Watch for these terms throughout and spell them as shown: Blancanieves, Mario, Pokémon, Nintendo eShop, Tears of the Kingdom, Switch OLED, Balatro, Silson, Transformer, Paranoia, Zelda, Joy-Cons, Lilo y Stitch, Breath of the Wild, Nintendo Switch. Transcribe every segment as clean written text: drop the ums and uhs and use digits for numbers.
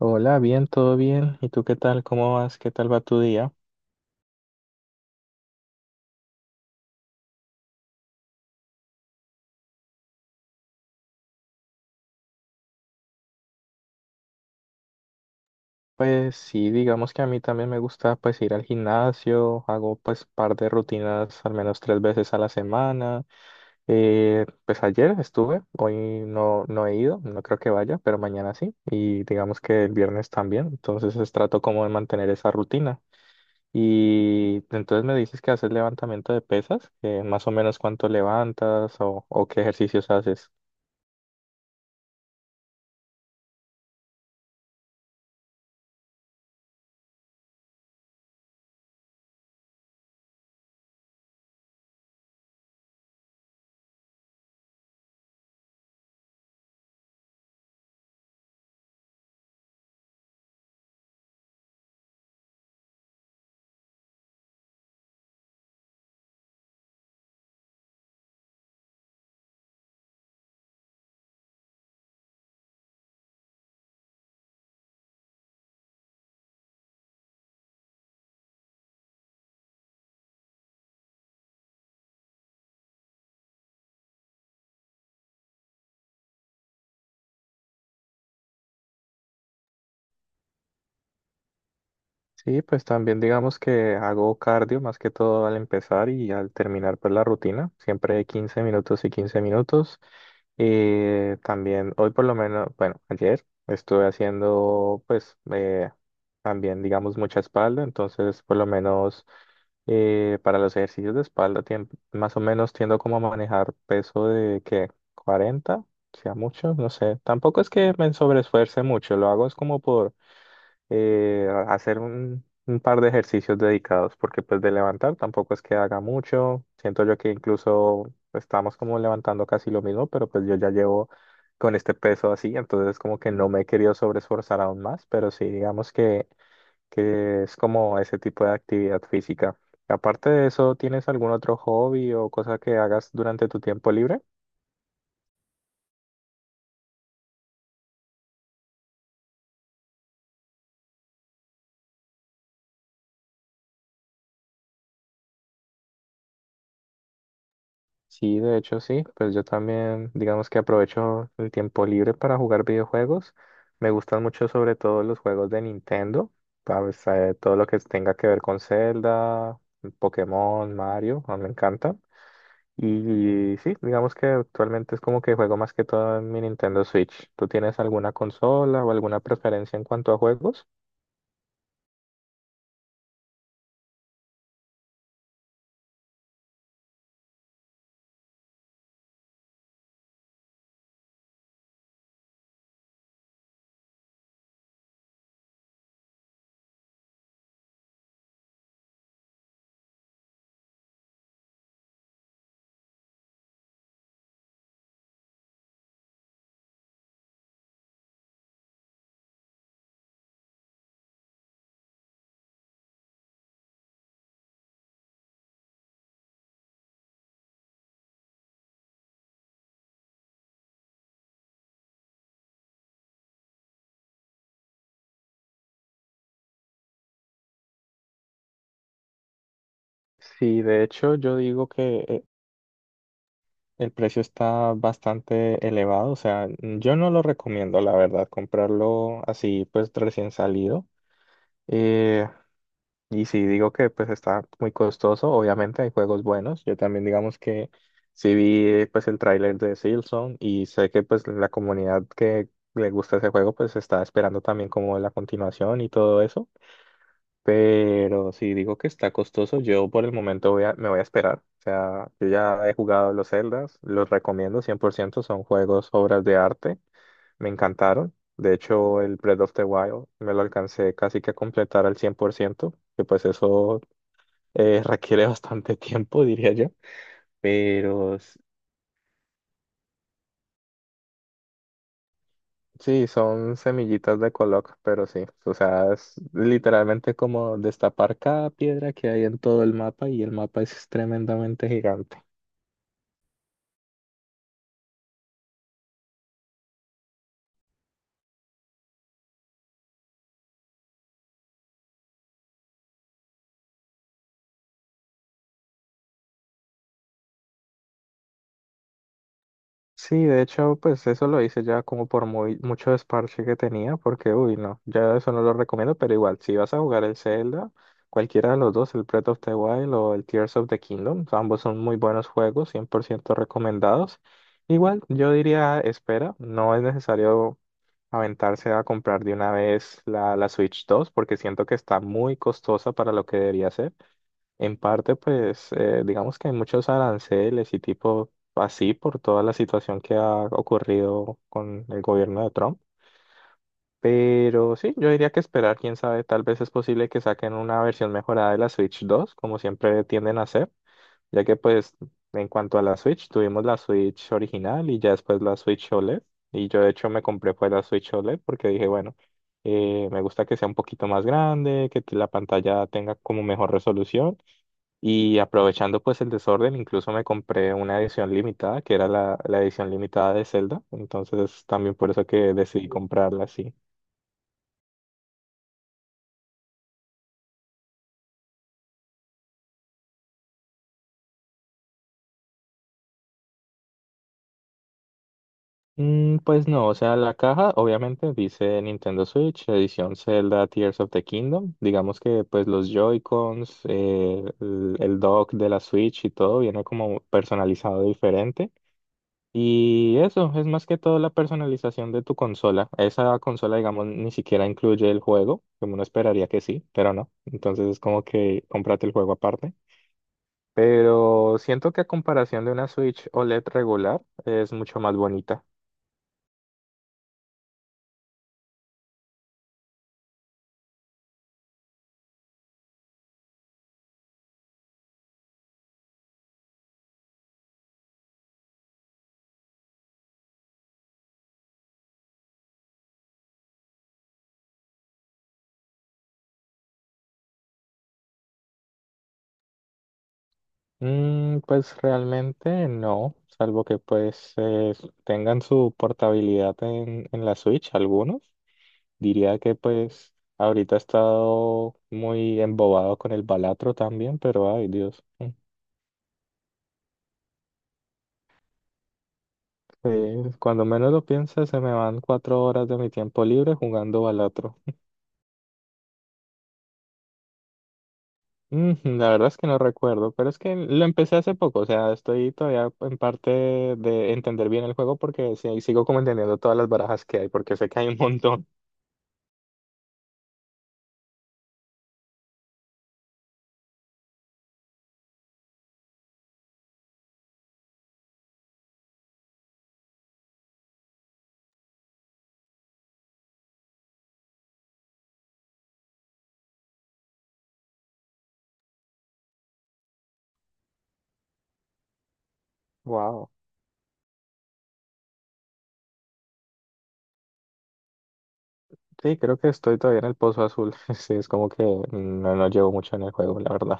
Hola, bien, todo bien. ¿Y tú qué tal? ¿Cómo vas? ¿Qué tal va tu día? Pues sí, digamos que a mí también me gusta pues ir al gimnasio, hago pues par de rutinas al menos 3 veces a la semana. Pues ayer estuve, hoy no, no he ido, no creo que vaya, pero mañana sí. Y digamos que el viernes también, entonces es trato como de mantener esa rutina. Y entonces me dices que haces levantamiento de pesas, más o menos cuánto levantas o qué ejercicios haces. Sí, pues también digamos que hago cardio más que todo al empezar y al terminar pues la rutina, siempre 15 minutos y 15 minutos. Y también hoy por lo menos, bueno, ayer estuve haciendo pues también digamos mucha espalda, entonces por lo menos para los ejercicios de espalda tiem más o menos tiendo como a manejar peso de que 40 sea mucho, no sé, tampoco es que me sobreesfuerce mucho, lo hago es como por hacer un par de ejercicios dedicados, porque pues de levantar tampoco es que haga mucho. Siento yo que incluso estamos como levantando casi lo mismo, pero pues yo ya llevo con este peso así, entonces como que no me he querido sobreesforzar aún más, pero sí digamos que es como ese tipo de actividad física. Aparte de eso, ¿tienes algún otro hobby o cosa que hagas durante tu tiempo libre? Sí, de hecho sí, pues yo también digamos que aprovecho el tiempo libre para jugar videojuegos. Me gustan mucho sobre todo los juegos de Nintendo, ¿sabes? Todo lo que tenga que ver con Zelda, Pokémon, Mario, a mí me encanta. Y sí, digamos que actualmente es como que juego más que todo en mi Nintendo Switch. ¿Tú tienes alguna consola o alguna preferencia en cuanto a juegos? Sí, de hecho yo digo que el precio está bastante elevado, o sea, yo no lo recomiendo, la verdad, comprarlo así, pues recién salido. Eh, y si digo que pues está muy costoso, obviamente hay juegos buenos. Yo también digamos que sí vi pues el tráiler de Silson y sé que pues la comunidad que le gusta ese juego pues está esperando también como la continuación y todo eso. Pero si digo que está costoso, yo por el momento me voy a esperar. O sea, yo ya he jugado los Zeldas, los recomiendo 100%. Son juegos, obras de arte, me encantaron. De hecho, el Breath of the Wild me lo alcancé casi que a completar al 100%, que pues eso requiere bastante tiempo, diría yo. Pero s- sí, son semillitas de Coloc, pero sí, o sea, es literalmente como destapar cada piedra que hay en todo el mapa y el mapa es tremendamente gigante. Sí, de hecho, pues eso lo hice ya como por muy, mucho desparche que tenía, porque uy, no, ya eso no lo recomiendo, pero igual, si vas a jugar el Zelda, cualquiera de los dos, el Breath of the Wild o el Tears of the Kingdom, ambos son muy buenos juegos, 100% recomendados. Igual, yo diría, espera, no es necesario aventarse a comprar de una vez la Switch 2, porque siento que está muy costosa para lo que debería ser. En parte, pues, digamos que hay muchos aranceles y tipo así por toda la situación que ha ocurrido con el gobierno de Trump. Pero sí, yo diría que esperar, quién sabe, tal vez es posible que saquen una versión mejorada de la Switch 2 como siempre tienden a hacer, ya que pues en cuanto a la Switch, tuvimos la Switch original y ya después la Switch OLED. Y yo de hecho me compré pues la Switch OLED porque dije, bueno, me gusta que sea un poquito más grande, que la pantalla tenga como mejor resolución. Y aprovechando pues el desorden, incluso me compré una edición limitada, que era la edición limitada de Zelda. Entonces también por eso que decidí comprarla así. Mm, pues no, o sea, la caja obviamente dice Nintendo Switch, edición Zelda Tears of the Kingdom. Digamos que pues los Joy-Cons, el dock de la Switch y todo viene como personalizado diferente. Y eso es más que todo la personalización de tu consola. Esa consola, digamos, ni siquiera incluye el juego, como uno esperaría que sí, pero no. Entonces es como que cómprate el juego aparte. Pero siento que a comparación de una Switch OLED regular, es mucho más bonita. Mm, pues realmente no, salvo que pues tengan su portabilidad en la Switch, algunos. Diría que pues ahorita he estado muy embobado con el Balatro también, pero ay Dios. Mm. Sí, cuando menos lo piense, se me van 4 horas de mi tiempo libre jugando Balatro. Mm, la verdad es que no recuerdo, pero es que lo empecé hace poco, o sea, estoy todavía en parte de entender bien el juego porque sí, sigo como entendiendo todas las barajas que hay, porque sé que hay un montón. Wow. Sí, creo que estoy todavía en el pozo azul. Sí, es como que no, no llevo mucho en el juego, la verdad.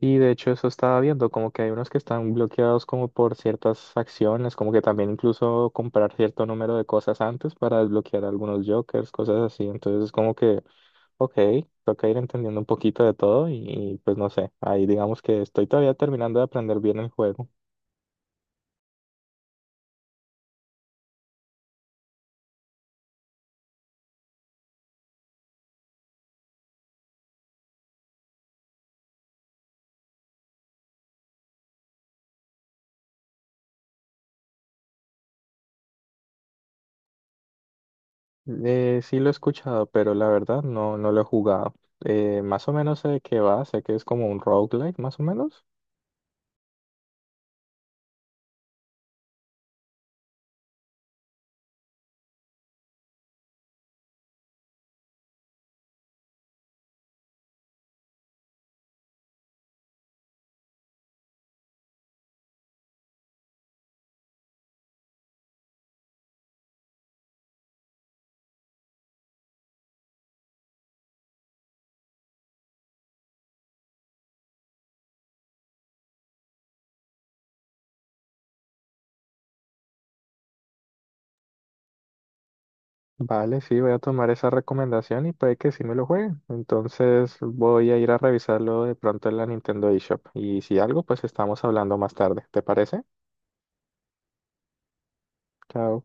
Y de hecho eso estaba viendo, como que hay unos que están bloqueados como por ciertas acciones, como que también incluso comprar cierto número de cosas antes para desbloquear algunos jokers, cosas así. Entonces es como que, ok, toca ir entendiendo un poquito de todo pues no sé, ahí digamos que estoy todavía terminando de aprender bien el juego. Sí lo he escuchado, pero la verdad no, no lo he jugado. Más o menos sé de qué va, sé que es como un roguelike, más o menos. Vale, sí, voy a tomar esa recomendación y puede que sí me lo juegue. Entonces voy a ir a revisarlo de pronto en la Nintendo eShop. Y si algo, pues estamos hablando más tarde. ¿Te parece? Chao.